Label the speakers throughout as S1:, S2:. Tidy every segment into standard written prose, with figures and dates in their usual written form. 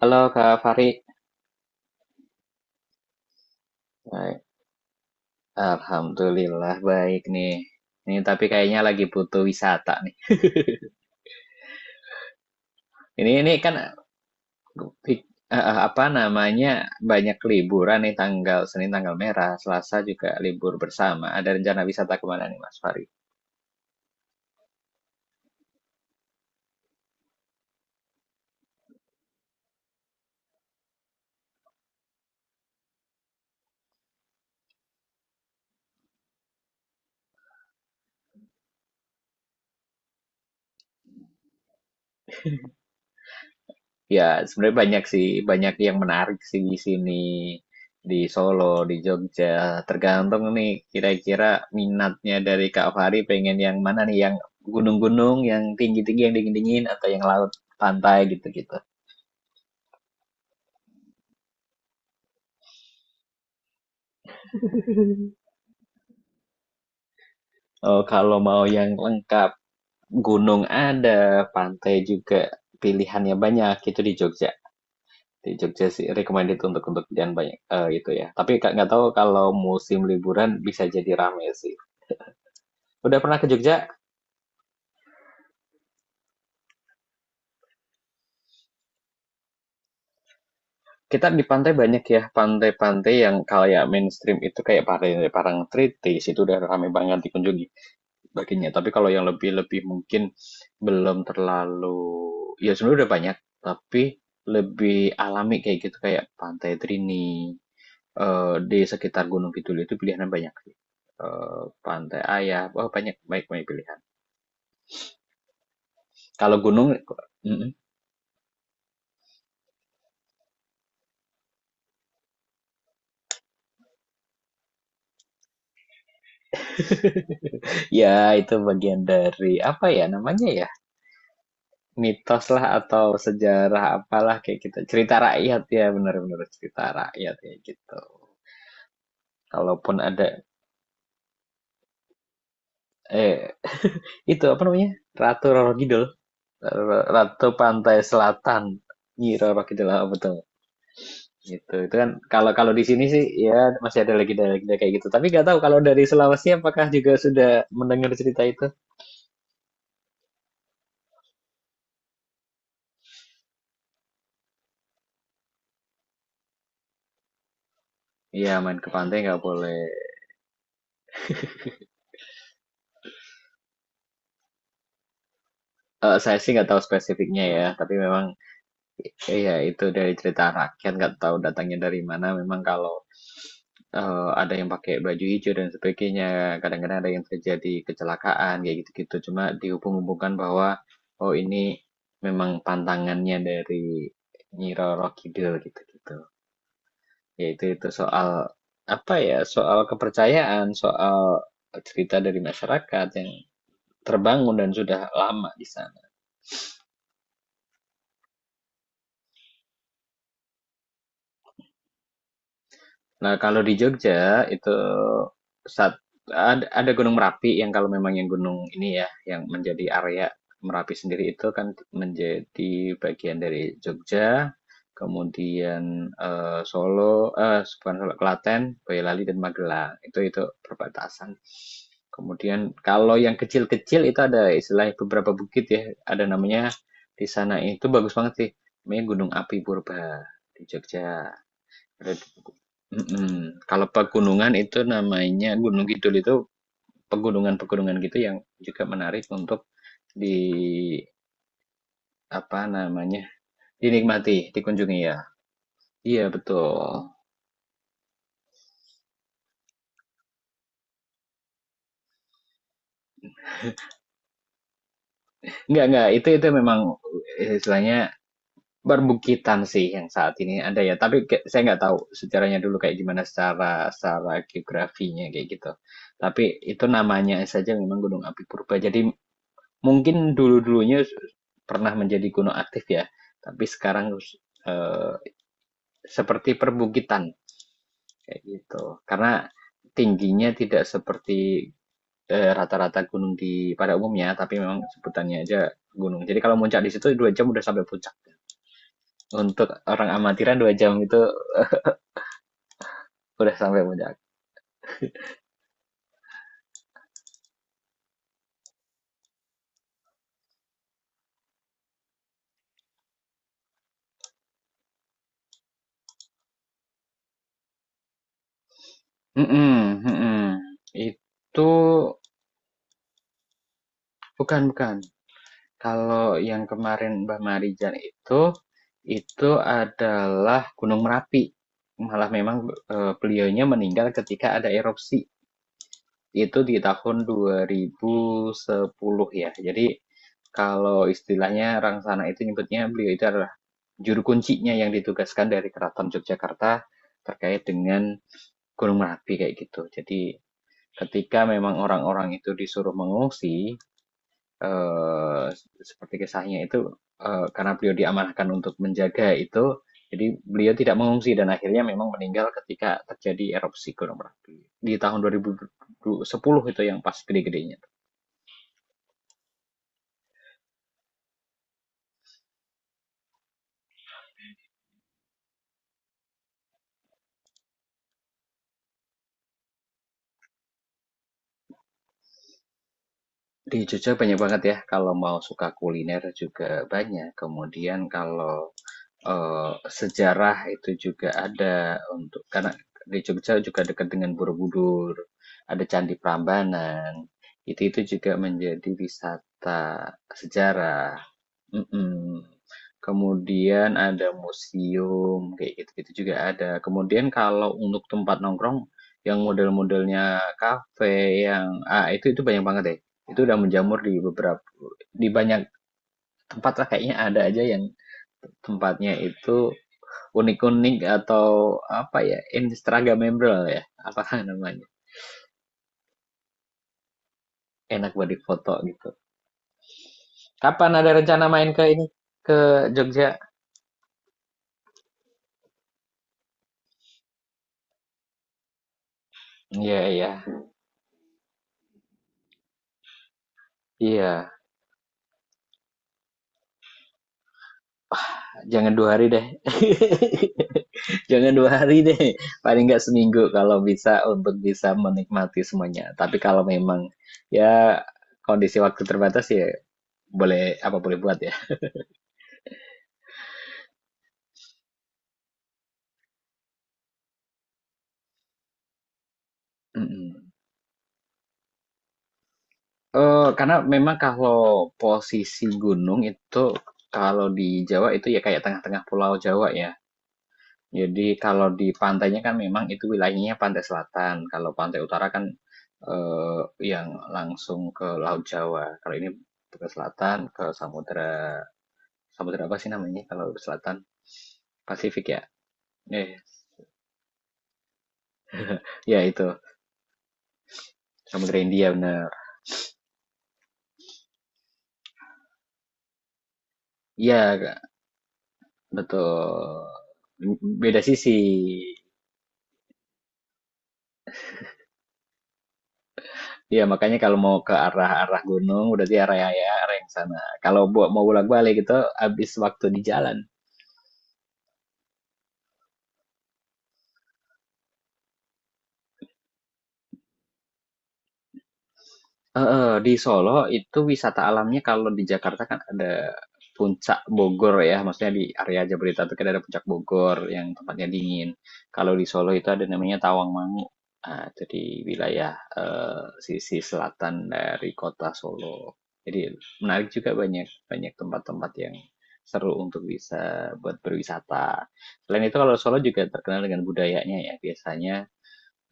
S1: Halo Kak Fari. Baik. Alhamdulillah baik nih. Ini tapi kayaknya lagi butuh wisata nih. Ini kan apa namanya banyak liburan nih tanggal Senin tanggal merah, Selasa juga libur bersama. Ada rencana wisata kemana nih Mas Fari? Ya, sebenarnya banyak sih, banyak yang menarik sih di sini, di Solo, di Jogja. Tergantung nih, kira-kira minatnya dari Kak Fahri pengen yang mana nih, yang gunung-gunung, yang tinggi-tinggi, yang dingin-dingin, atau yang laut, pantai gitu-gitu. Oh, kalau mau yang lengkap, gunung ada, pantai juga, pilihannya banyak, itu di Jogja. Di Jogja sih recommended untuk jalan banyak itu ya. Tapi Kak, nggak tahu kalau musim liburan bisa jadi rame sih. Udah pernah ke Jogja? Kita di pantai banyak ya, pantai-pantai yang kayak mainstream itu kayak pantai Parangtritis itu udah ramai banget dikunjungi baginya. Tapi kalau yang lebih-lebih mungkin belum terlalu, ya sebenarnya udah banyak, tapi lebih alami kayak gitu kayak Pantai Trini di sekitar Gunung Kidul itu pilihannya banyak sih. Pantai Ayah, oh banyak baik banyak pilihan. Kalau gunung. Mm, mm. Ya, itu bagian dari apa ya namanya ya? Mitos lah atau sejarah apalah kayak gitu. Cerita rakyat ya, benar-benar cerita rakyat ya gitu. Kalaupun ada, eh itu apa namanya? Ratu Roro Kidul, Ratu Pantai Selatan. Nyi Roro Kidul, ah, betul. Gitu. Itu kan kalau kalau di sini sih ya masih ada lagi kayak gitu. Tapi nggak tahu kalau dari Sulawesi apakah juga sudah mendengar cerita itu? Iya, main ke pantai nggak boleh. Saya sih nggak tahu spesifiknya ya, tapi memang iya, itu dari cerita rakyat, nggak tahu datangnya dari mana. Memang kalau ada yang pakai baju hijau dan sebagainya, kadang-kadang ada yang terjadi kecelakaan, kayak gitu-gitu. Cuma dihubung-hubungkan bahwa, oh ini memang pantangannya dari Nyi Roro Kidul, gitu-gitu. Yaitu, itu soal, apa ya, soal kepercayaan, soal cerita dari masyarakat yang terbangun dan sudah lama di sana. Nah, kalau di Jogja itu saat ada Gunung Merapi yang kalau memang yang gunung ini ya, yang menjadi area Merapi sendiri itu kan menjadi bagian dari Jogja, kemudian Solo, eh bukan Solo, Klaten, Boyolali dan Magelang. Itu perbatasan. Kemudian kalau yang kecil-kecil itu ada istilah beberapa bukit ya, ada namanya di sana itu bagus banget sih. Namanya Gunung Api Purba di Jogja. Ada. Mhm. Kalau pegunungan itu namanya Gunung Kidul itu pegunungan-pegunungan gitu yang juga menarik untuk di apa namanya dinikmati, dikunjungi ya. Iya betul. Enggak, itu memang istilahnya perbukitan sih yang saat ini ada ya. Tapi saya nggak tahu sejarahnya dulu kayak gimana secara secara geografinya kayak gitu. Tapi itu namanya saja memang Gunung Api Purba. Jadi mungkin dulu-dulunya pernah menjadi gunung aktif ya, tapi sekarang, eee, seperti perbukitan, kayak gitu. Karena tingginya tidak seperti, rata-rata gunung di pada umumnya, tapi memang sebutannya aja gunung. Jadi kalau muncak di situ 2 jam udah sampai puncak. Untuk orang amatiran 2 jam itu udah sampai puncak. Mhm, mhm. Itu bukan, bukan. Kalau yang kemarin Mbak Marijan itu adalah Gunung Merapi. Malah memang beliaunya meninggal ketika ada erupsi. Itu di tahun 2010 ya. Jadi kalau istilahnya Rangsana itu nyebutnya beliau itu adalah juru kuncinya yang ditugaskan dari Keraton Yogyakarta terkait dengan Gunung Merapi kayak gitu. Jadi ketika memang orang-orang itu disuruh mengungsi, eh, seperti kisahnya itu karena beliau diamanahkan untuk menjaga itu, jadi beliau tidak mengungsi dan akhirnya memang meninggal ketika terjadi erupsi Gunung Merapi di tahun 2010 itu yang pas gede-gedenya. Di Jogja banyak banget ya, kalau mau suka kuliner juga banyak. Kemudian kalau eh, sejarah itu juga ada untuk karena di Jogja juga dekat dengan Borobudur, ada Candi Prambanan. Itu juga menjadi wisata sejarah. Mm-mm. Kemudian ada museum kayak gitu itu juga ada. Kemudian kalau untuk tempat nongkrong yang model-modelnya kafe yang itu banyak banget deh. Itu udah menjamur di beberapa di banyak tempat lah kayaknya ada aja yang tempatnya itu unik-unik atau apa ya, Instagramable ya, apa namanya. Enak buat difoto gitu. Kapan ada rencana main ke ini? Ke Jogja? Iya, iya. Iya, jangan 2 hari deh. Jangan 2 hari deh. Paling nggak seminggu kalau bisa untuk bisa menikmati semuanya. Tapi kalau memang ya kondisi waktu terbatas ya boleh apa boleh buat ya. Mm-mm. Karena memang kalau posisi gunung itu, kalau di Jawa itu ya kayak tengah-tengah Pulau Jawa ya. Jadi kalau di pantainya kan memang itu wilayahnya pantai selatan, kalau pantai utara kan, eee, yang langsung ke Laut Jawa. Kalau ini ke selatan, ke samudra samudra apa sih namanya kalau selatan? Pasifik ya? Eh, ya itu, Samudra India benar. Iya, Kak, betul. B Beda sisi. Iya, makanya kalau mau ke arah-arah gunung, berarti area ya, area yang sana. Kalau buat mau bolak-balik itu habis waktu di jalan. Heeh, di Solo itu wisata alamnya kalau di Jakarta kan ada Puncak Bogor ya, maksudnya di area Jabodetabek kan ada Puncak Bogor yang tempatnya dingin. Kalau di Solo itu ada namanya Tawangmangu. Nah, itu di wilayah sisi selatan dari kota Solo. Jadi menarik juga banyak banyak tempat-tempat yang seru untuk bisa buat berwisata. Selain itu kalau Solo juga terkenal dengan budayanya ya, biasanya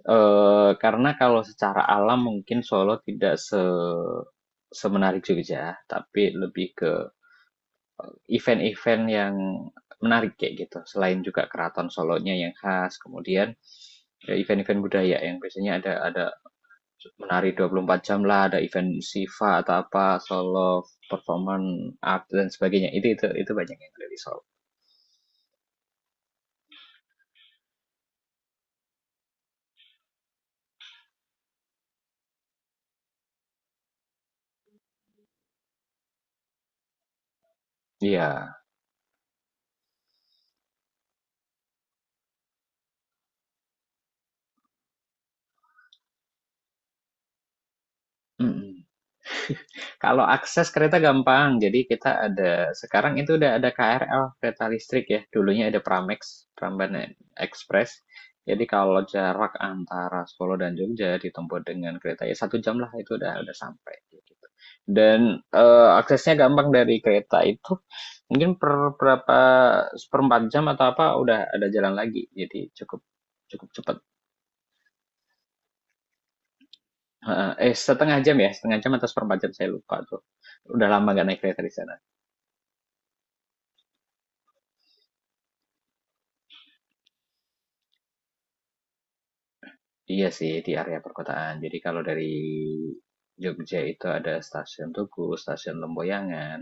S1: Karena kalau secara alam mungkin Solo tidak se semenarik Jogja, tapi lebih ke event-event yang menarik kayak gitu. Selain juga keraton Solonya yang khas, kemudian ya event-event budaya yang biasanya ada menari 24 jam lah, ada event Siva atau apa, Solo Performance Art dan sebagainya. Itu banyak yang dari Solo. Iya, mhm. Kalau akses kereta gampang, jadi kita ada sekarang itu udah ada KRL kereta listrik ya. Dulunya ada Pramex, Prambanan Express. Jadi kalau jarak antara Solo dan Jogja ditempuh dengan kereta ya 1 jam lah itu udah sampai. Gitu. Dan aksesnya gampang dari kereta itu mungkin per berapa seperempat jam atau apa udah ada jalan lagi. Jadi cukup cukup cepat. Setengah jam ya, setengah jam atau seperempat jam saya lupa tuh. Udah lama gak naik kereta di sana. Iya sih, di area perkotaan. Jadi kalau dari Jogja itu ada stasiun Tugu, stasiun Lemboyangan.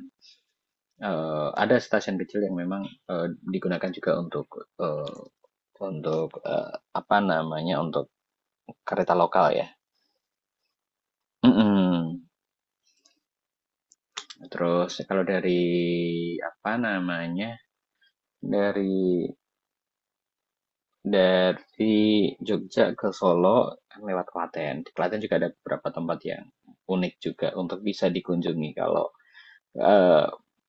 S1: Ada stasiun kecil yang memang eh, digunakan juga untuk eh, untuk eh, apa namanya untuk kereta lokal ya. Mm-mm. Terus kalau dari apa namanya dari dari Jogja ke Solo kan lewat Klaten. Di Klaten juga ada beberapa tempat yang unik juga untuk bisa dikunjungi kalau Eee,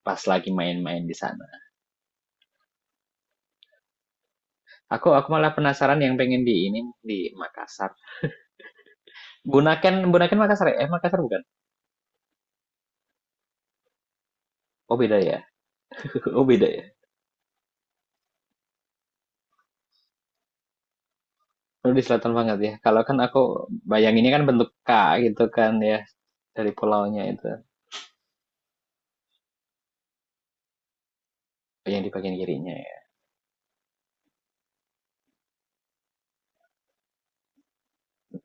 S1: pas lagi main-main di sana. Aku malah penasaran yang pengen di ini, di Makassar. Bunaken Bunaken Makassar ya? Eh, Makassar bukan? Oh, beda ya? Oh, beda ya? Lu di selatan banget ya? Kalau kan aku bayanginnya kan bentuk K gitu kan ya, dari pulaunya itu. Oh, yang di bagian kirinya ya.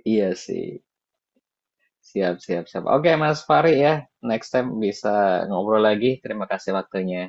S1: Iya sih. Siap, siap, siap. Oke Mas Fahri ya, next time bisa ngobrol lagi. Terima kasih waktunya.